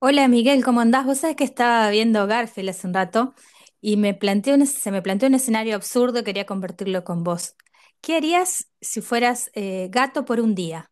Hola Miguel, ¿cómo andás? Vos sabés que estaba viendo Garfield hace un rato y me planteé se me planteó un escenario absurdo, y quería convertirlo con vos. ¿Qué harías si fueras gato por un día?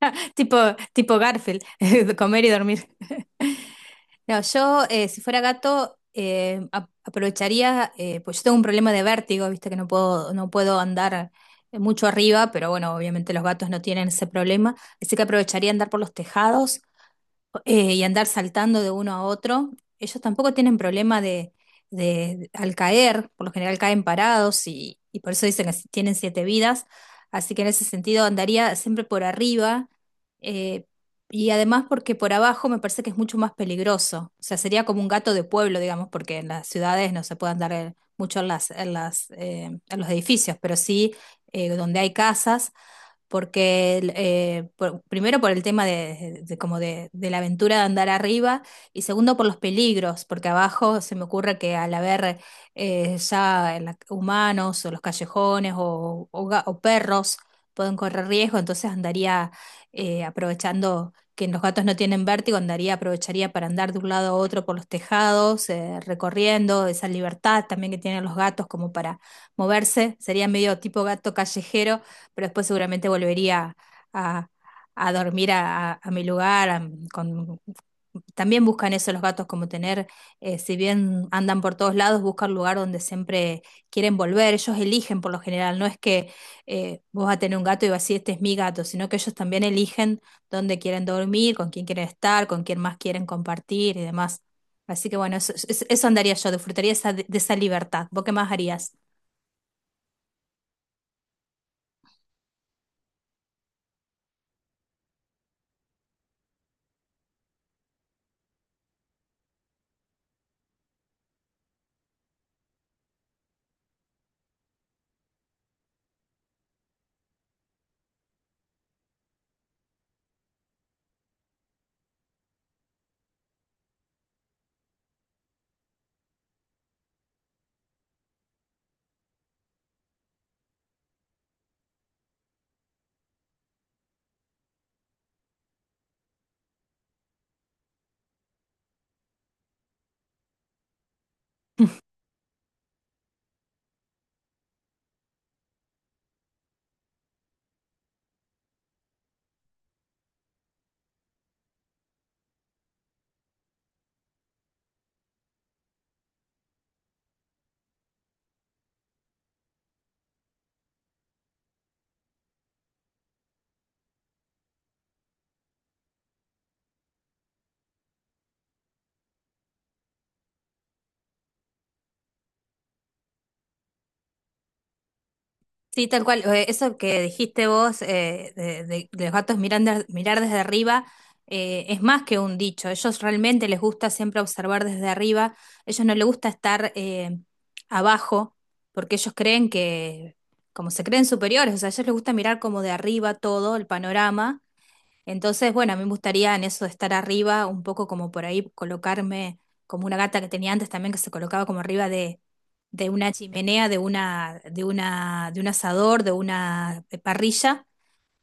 Tipo, tipo Garfield, de comer y dormir. No, yo si fuera gato aprovecharía, pues yo tengo un problema de vértigo, viste que no puedo, no puedo andar mucho arriba, pero bueno, obviamente los gatos no tienen ese problema, así que aprovecharía andar por los tejados y andar saltando de uno a otro. Ellos tampoco tienen problema al caer, por lo general caen parados y por eso dicen que si tienen siete vidas. Así que en ese sentido andaría siempre por arriba eh, y además porque por abajo me parece que es mucho más peligroso. O sea, sería como un gato de pueblo, digamos, porque en las ciudades no se puede andar mucho en las, en los edificios, pero sí donde hay casas porque primero por el tema como de la aventura de andar arriba y segundo por los peligros, porque abajo se me ocurre que al haber ya humanos o los callejones o o perros pueden correr riesgo, entonces andaría aprovechando que los gatos no tienen vértigo, andaría, aprovecharía para andar de un lado a otro por los tejados, recorriendo esa libertad también que tienen los gatos como para moverse, sería medio tipo gato callejero, pero después seguramente volvería a, a dormir a mi lugar. También buscan eso los gatos, como tener, si bien andan por todos lados, buscan lugar donde siempre quieren volver. Ellos eligen por lo general, no es que vos vas a tener un gato y vas a decir, este es mi gato, sino que ellos también eligen dónde quieren dormir, con quién quieren estar, con quién más quieren compartir y demás. Así que bueno, eso andaría yo, disfrutaría de esa libertad. ¿Vos qué más harías? Sí, tal cual. Eso que dijiste vos de los gatos mirar, mirar desde arriba es más que un dicho. Ellos realmente les gusta siempre observar desde arriba. Ellos no les gusta estar abajo porque ellos creen que, como se creen superiores, o sea, a ellos les gusta mirar como de arriba todo el panorama, entonces, bueno, a mí me gustaría en eso de estar arriba, un poco como por ahí colocarme, como una gata que tenía antes también, que se colocaba como arriba de una chimenea, de un asador, de una parrilla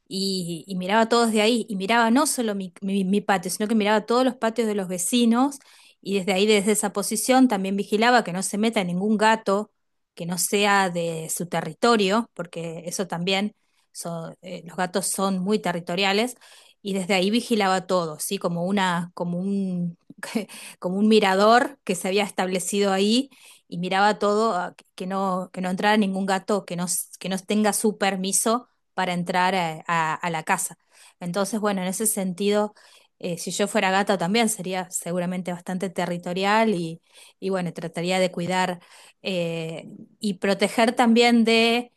y miraba todos de ahí, y miraba no solo mi, mi patio, sino que miraba todos los patios de los vecinos, y desde ahí, desde esa posición, también vigilaba que no se meta ningún gato que no sea de su territorio, porque eso también, los gatos son muy territoriales, y desde ahí vigilaba todo, ¿sí? Como una, como un, como un mirador que se había establecido ahí. Y miraba todo, ah, que no entrara ningún gato que no, que no tenga su permiso para entrar a, a la casa. Entonces, bueno, en ese sentido, si yo fuera gato también sería seguramente bastante territorial y bueno, trataría de cuidar eh, y proteger también de...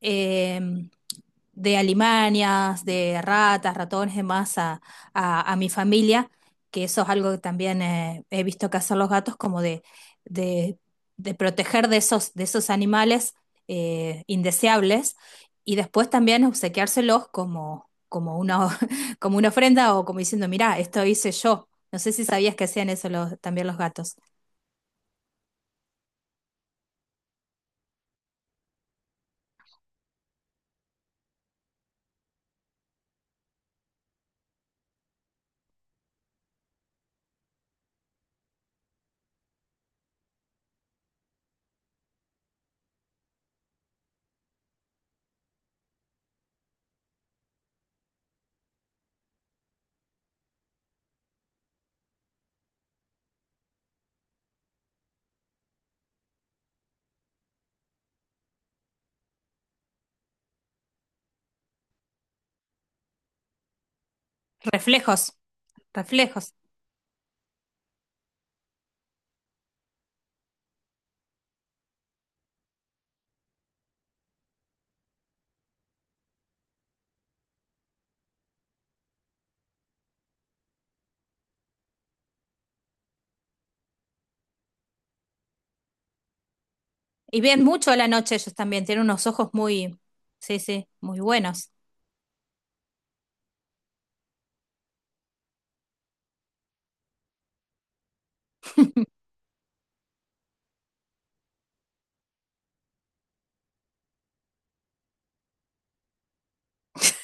em, de alimañas, de ratas, ratones, demás a mi familia, que eso es algo que también he visto que hacen los gatos, como de, de proteger de esos animales indeseables y después también obsequiárselos como, como una, como una ofrenda o como diciendo, mirá, esto hice yo. No sé si sabías que hacían eso también los gatos. Reflejos, reflejos. Y ven mucho a la noche ellos también, tienen unos ojos muy, sí, sí, muy buenos.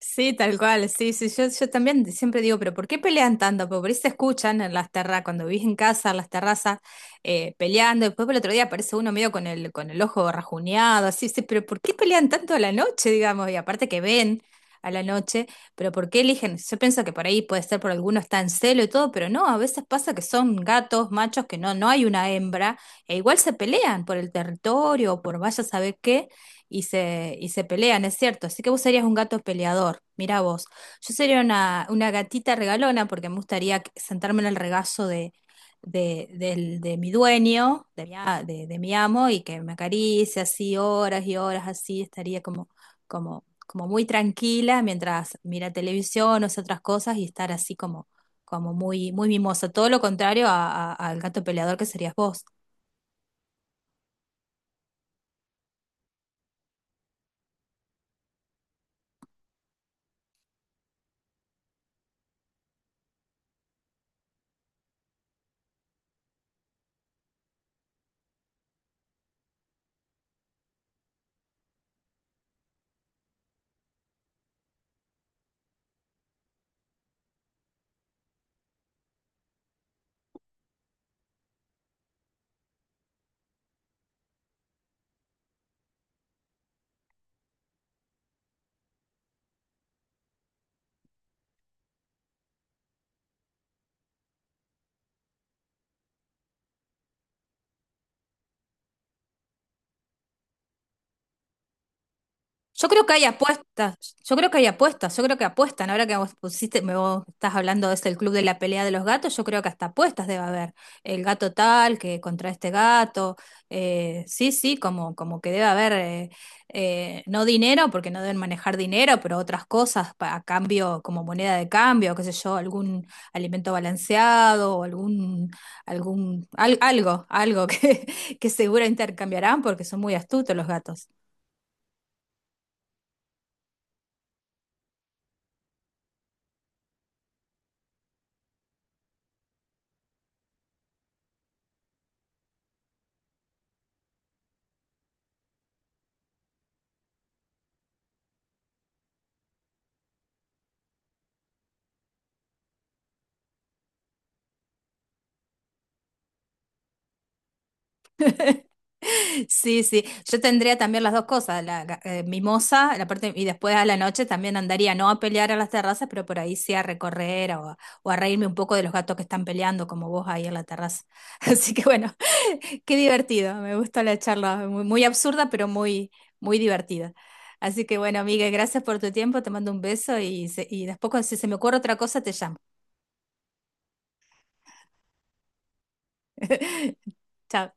Sí, tal cual, sí, sí, yo también siempre digo, pero ¿por qué pelean tanto? Porque por ahí se escuchan en las terrazas, cuando vivís en casa, en las terrazas, peleando, después por el otro día aparece uno medio con el ojo rajuñado, así, sí, pero ¿por qué pelean tanto a la noche, digamos? Y aparte que ven a la noche, pero ¿por qué eligen? Yo pienso que por ahí puede ser por alguno está en celo y todo, pero no, a veces pasa que son gatos, machos, que no, no hay una hembra, e igual se pelean por el territorio o por vaya a saber qué y se pelean, es cierto. Así que vos serías un gato peleador, mirá vos. Yo sería una gatita regalona porque me gustaría sentarme en el regazo de, de mi dueño, de mi, de mi amo, y que me acaricie así horas y horas así, estaría como, como, como muy tranquila mientras mira televisión o hace otras cosas y estar así como, como muy, muy mimosa. Todo lo contrario al gato peleador que serías vos. Yo creo que hay apuestas, yo creo que hay apuestas, yo creo que apuestan. Ahora que vos pusiste, me vos estás hablando de ese el club de la pelea de los gatos, yo creo que hasta apuestas debe haber. El gato tal que contra este gato, sí, sí, como, como que debe haber, no dinero, porque no deben manejar dinero, pero otras cosas a cambio, como moneda de cambio, qué sé yo, algún alimento balanceado o algún, algún, algo, algo que, que seguro intercambiarán porque son muy astutos los gatos. Sí, sí, yo tendría también las dos cosas, la mimosa, la parte, y después a la noche también andaría, no a pelear a las terrazas, pero por ahí sí a recorrer o a reírme un poco de los gatos que están peleando, como vos ahí en la terraza. Así que bueno, qué divertido, me gusta la charla, muy, muy absurda, pero muy, muy divertida. Así que bueno, Miguel, gracias por tu tiempo, te mando un beso y, y después si se me ocurre otra cosa te llamo. Chao.